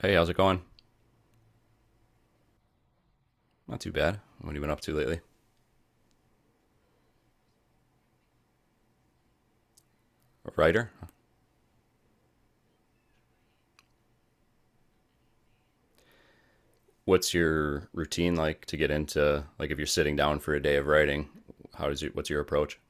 Hey, how's it going? Not too bad. What have you been up to lately? A writer? What's your routine like to get into, like if you're sitting down for a day of writing? How does you? What's your approach?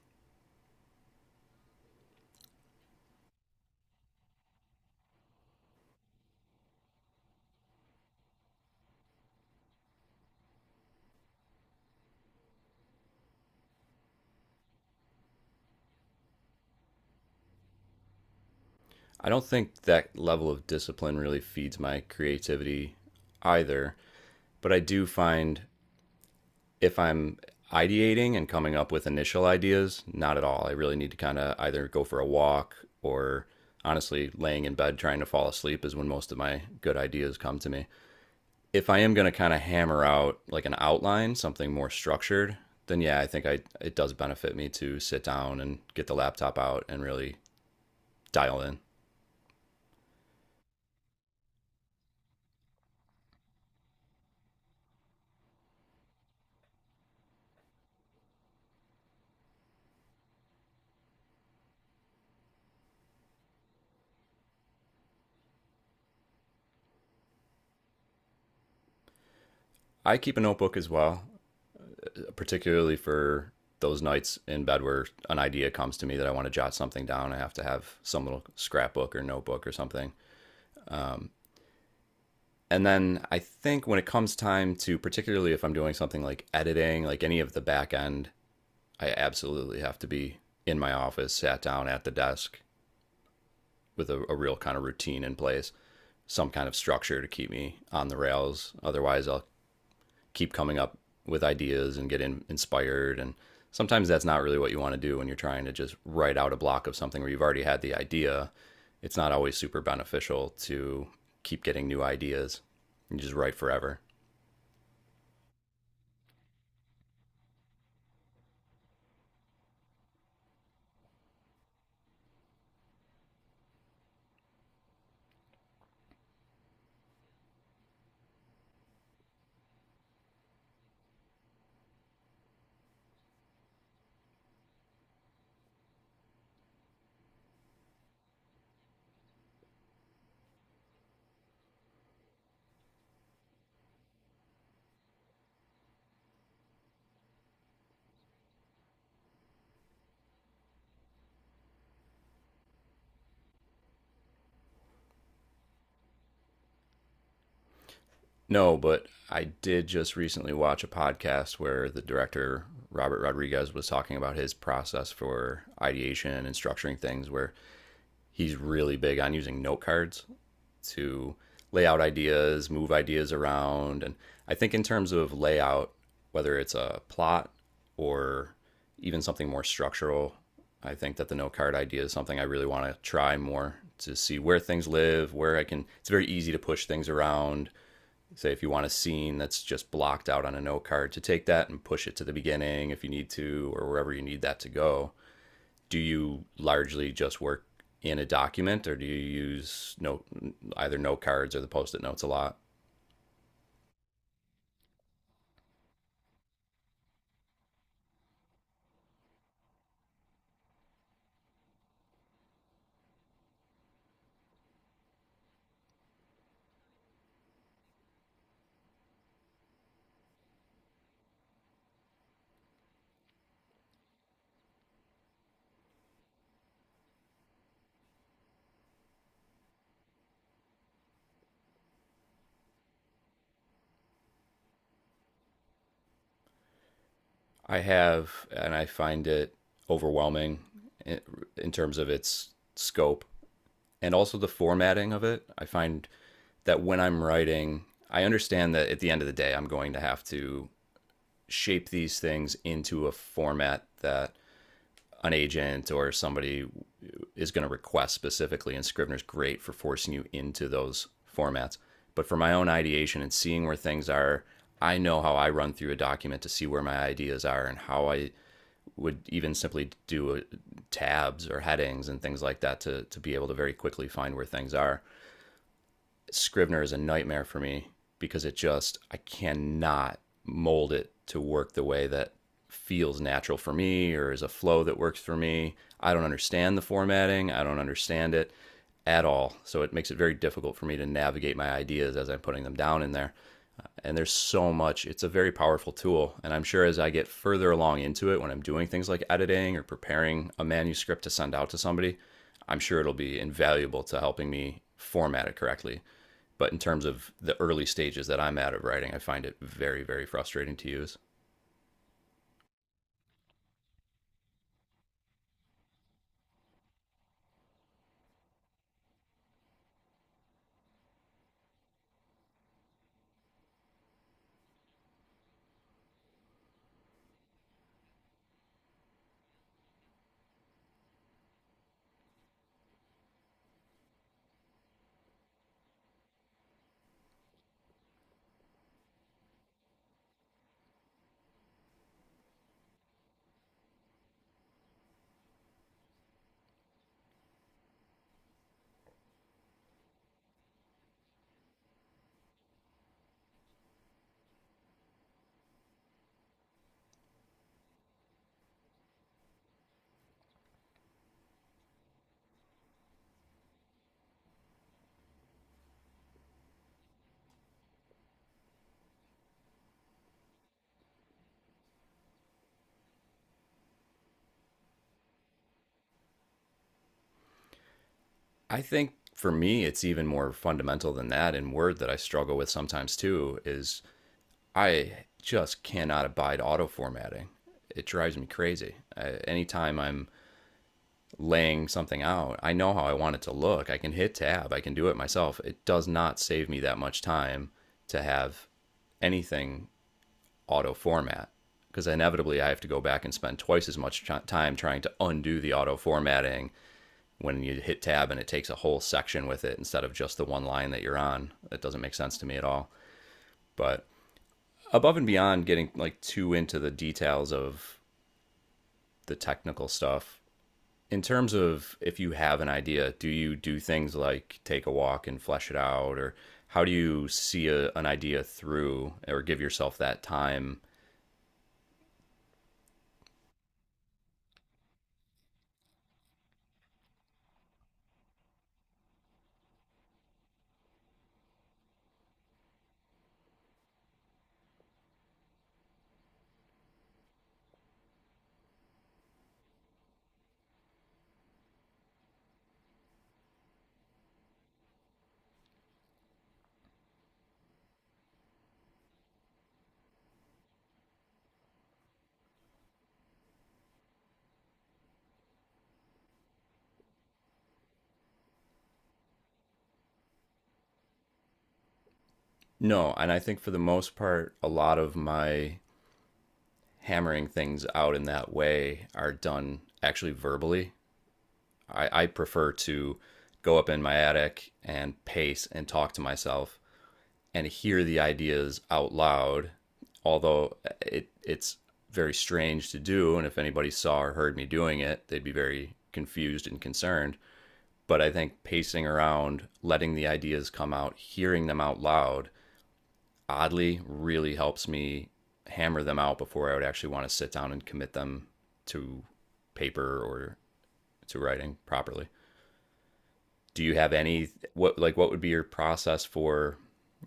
I don't think that level of discipline really feeds my creativity either, but I do find, if I'm ideating and coming up with initial ideas, not at all. I really need to kind of either go for a walk, or honestly laying in bed trying to fall asleep is when most of my good ideas come to me. If I am going to kind of hammer out like an outline, something more structured, then yeah, I think I it does benefit me to sit down and get the laptop out and really dial in. I keep a notebook as well, particularly for those nights in bed where an idea comes to me that I want to jot something down. I have to have some little scrapbook or notebook or something. And then I think when it comes time to, particularly if I'm doing something like editing, like any of the back end, I absolutely have to be in my office, sat down at the desk, with a real kind of routine in place, some kind of structure to keep me on the rails. Otherwise, I'll keep coming up with ideas and get inspired. And sometimes that's not really what you want to do when you're trying to just write out a block of something where you've already had the idea. It's not always super beneficial to keep getting new ideas and just write forever. No, but I did just recently watch a podcast where the director, Robert Rodriguez, was talking about his process for ideation and structuring things, where he's really big on using note cards to lay out ideas, move ideas around. And I think, in terms of layout, whether it's a plot or even something more structural, I think that the note card idea is something I really want to try more, to see where things live, where I can. It's very easy to push things around. Say, if you want a scene that's just blocked out on a note card, to take that and push it to the beginning if you need to, or wherever you need that to go. Do you largely just work in a document, or do you use note either note cards or the post-it notes a lot? I have, and I find it overwhelming in, in terms of its scope, and also the formatting of it. I find that when I'm writing, I understand that at the end of the day I'm going to have to shape these things into a format that an agent or somebody is going to request specifically, and Scrivener's great for forcing you into those formats. But for my own ideation and seeing where things are, I know how I run through a document to see where my ideas are and how I would even simply do, tabs or headings and things like that, to be able to very quickly find where things are. Scrivener is a nightmare for me because it just I cannot mold it to work the way that feels natural for me, or is a flow that works for me. I don't understand the formatting. I don't understand it at all. So it makes it very difficult for me to navigate my ideas as I'm putting them down in there. And there's so much. It's a very powerful tool. And I'm sure as I get further along into it, when I'm doing things like editing or preparing a manuscript to send out to somebody, I'm sure it'll be invaluable to helping me format it correctly. But in terms of the early stages that I'm at of writing, I find it very, very frustrating to use. I think for me, it's even more fundamental than that. And Word, that I struggle with sometimes too, is I just cannot abide auto formatting. It drives me crazy. Anytime I'm laying something out, I know how I want it to look. I can hit tab, I can do it myself. It does not save me that much time to have anything auto format, because inevitably I have to go back and spend twice as much time trying to undo the auto formatting when you hit tab and it takes a whole section with it instead of just the one line that you're on. That doesn't make sense to me at all. But above and beyond getting like too into the details of the technical stuff, in terms of, if you have an idea, do you do things like take a walk and flesh it out, or how do you see an idea through, or give yourself that time? No, and I think for the most part, a lot of my hammering things out in that way are done actually verbally. I prefer to go up in my attic and pace and talk to myself and hear the ideas out loud, although it's very strange to do. And if anybody saw or heard me doing it, they'd be very confused and concerned. But I think pacing around, letting the ideas come out, hearing them out loud, oddly really helps me hammer them out before I would actually want to sit down and commit them to paper, or to writing properly. Do you have any what like what would be your process for,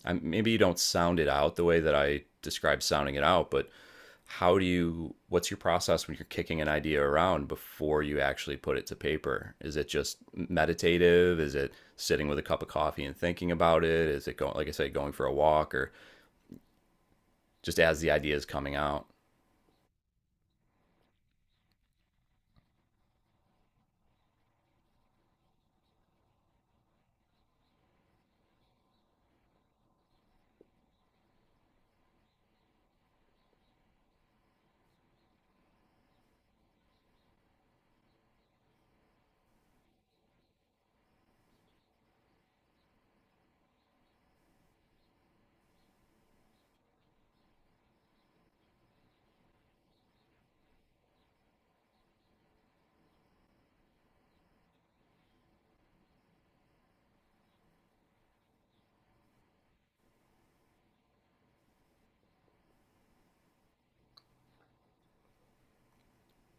maybe you don't sound it out the way that I describe sounding it out, but how do you what's your process when you're kicking an idea around before you actually put it to paper? Is it just meditative? Is it sitting with a cup of coffee and thinking about it? Is it going, like I said, going for a walk, or just as the idea is coming out?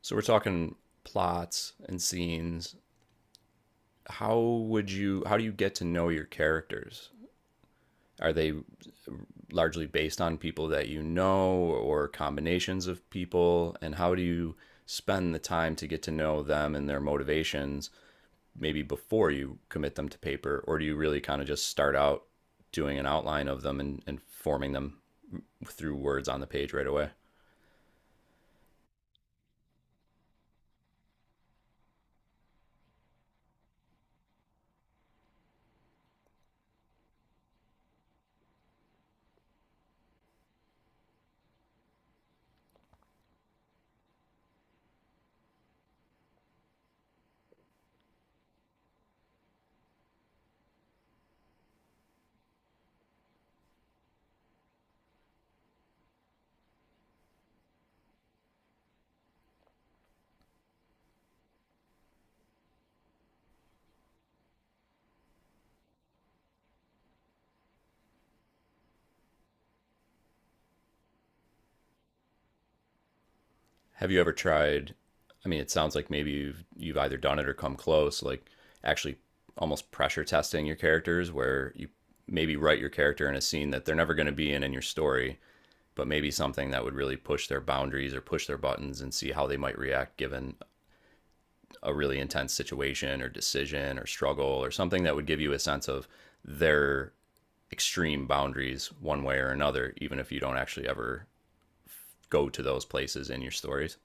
So we're talking plots and scenes. How do you get to know your characters? Are they largely based on people that you know, or combinations of people, and how do you spend the time to get to know them and their motivations, maybe before you commit them to paper, or do you really kind of just start out doing an outline of them and forming them through words on the page right away? Have you ever tried? I mean, it sounds like maybe you've either done it or come close, like actually almost pressure testing your characters, where you maybe write your character in a scene that they're never going to be in your story, but maybe something that would really push their boundaries or push their buttons and see how they might react, given a really intense situation or decision or struggle or something that would give you a sense of their extreme boundaries one way or another, even if you don't actually ever go to those places in your stories.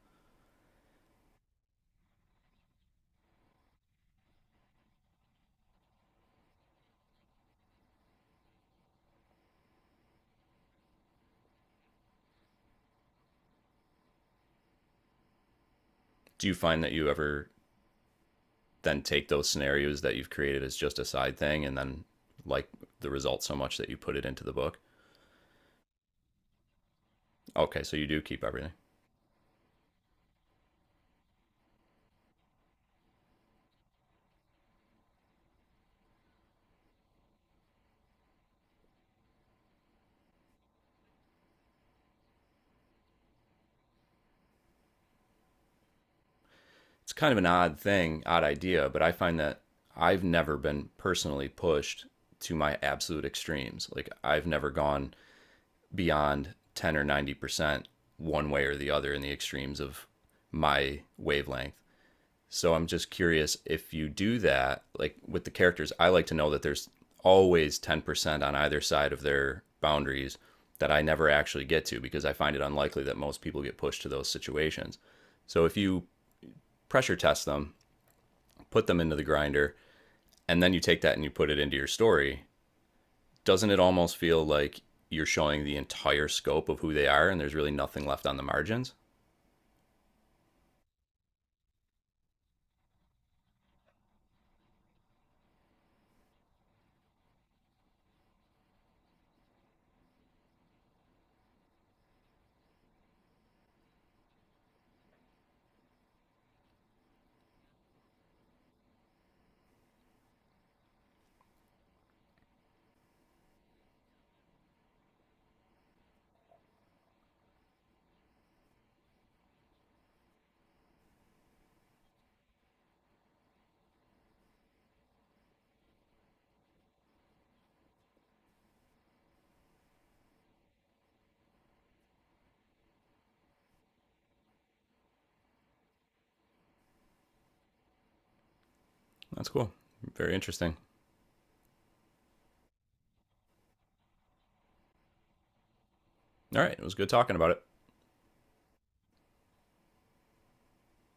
Do you find that you ever then take those scenarios that you've created as just a side thing, and then, like, the result so much that you put it into the book? Okay, so you do keep everything. It's kind of an odd thing, odd idea, but I find that I've never been personally pushed to my absolute extremes. Like, I've never gone beyond 10 or 90% one way or the other, in the extremes of my wavelength. So I'm just curious if you do that. Like, with the characters, I like to know that there's always 10% on either side of their boundaries that I never actually get to, because I find it unlikely that most people get pushed to those situations. So if you pressure test them, put them into the grinder, and then you take that and you put it into your story, doesn't it almost feel like you're showing the entire scope of who they are, and there's really nothing left on the margins? That's cool. Very interesting. All right. It was good talking about it.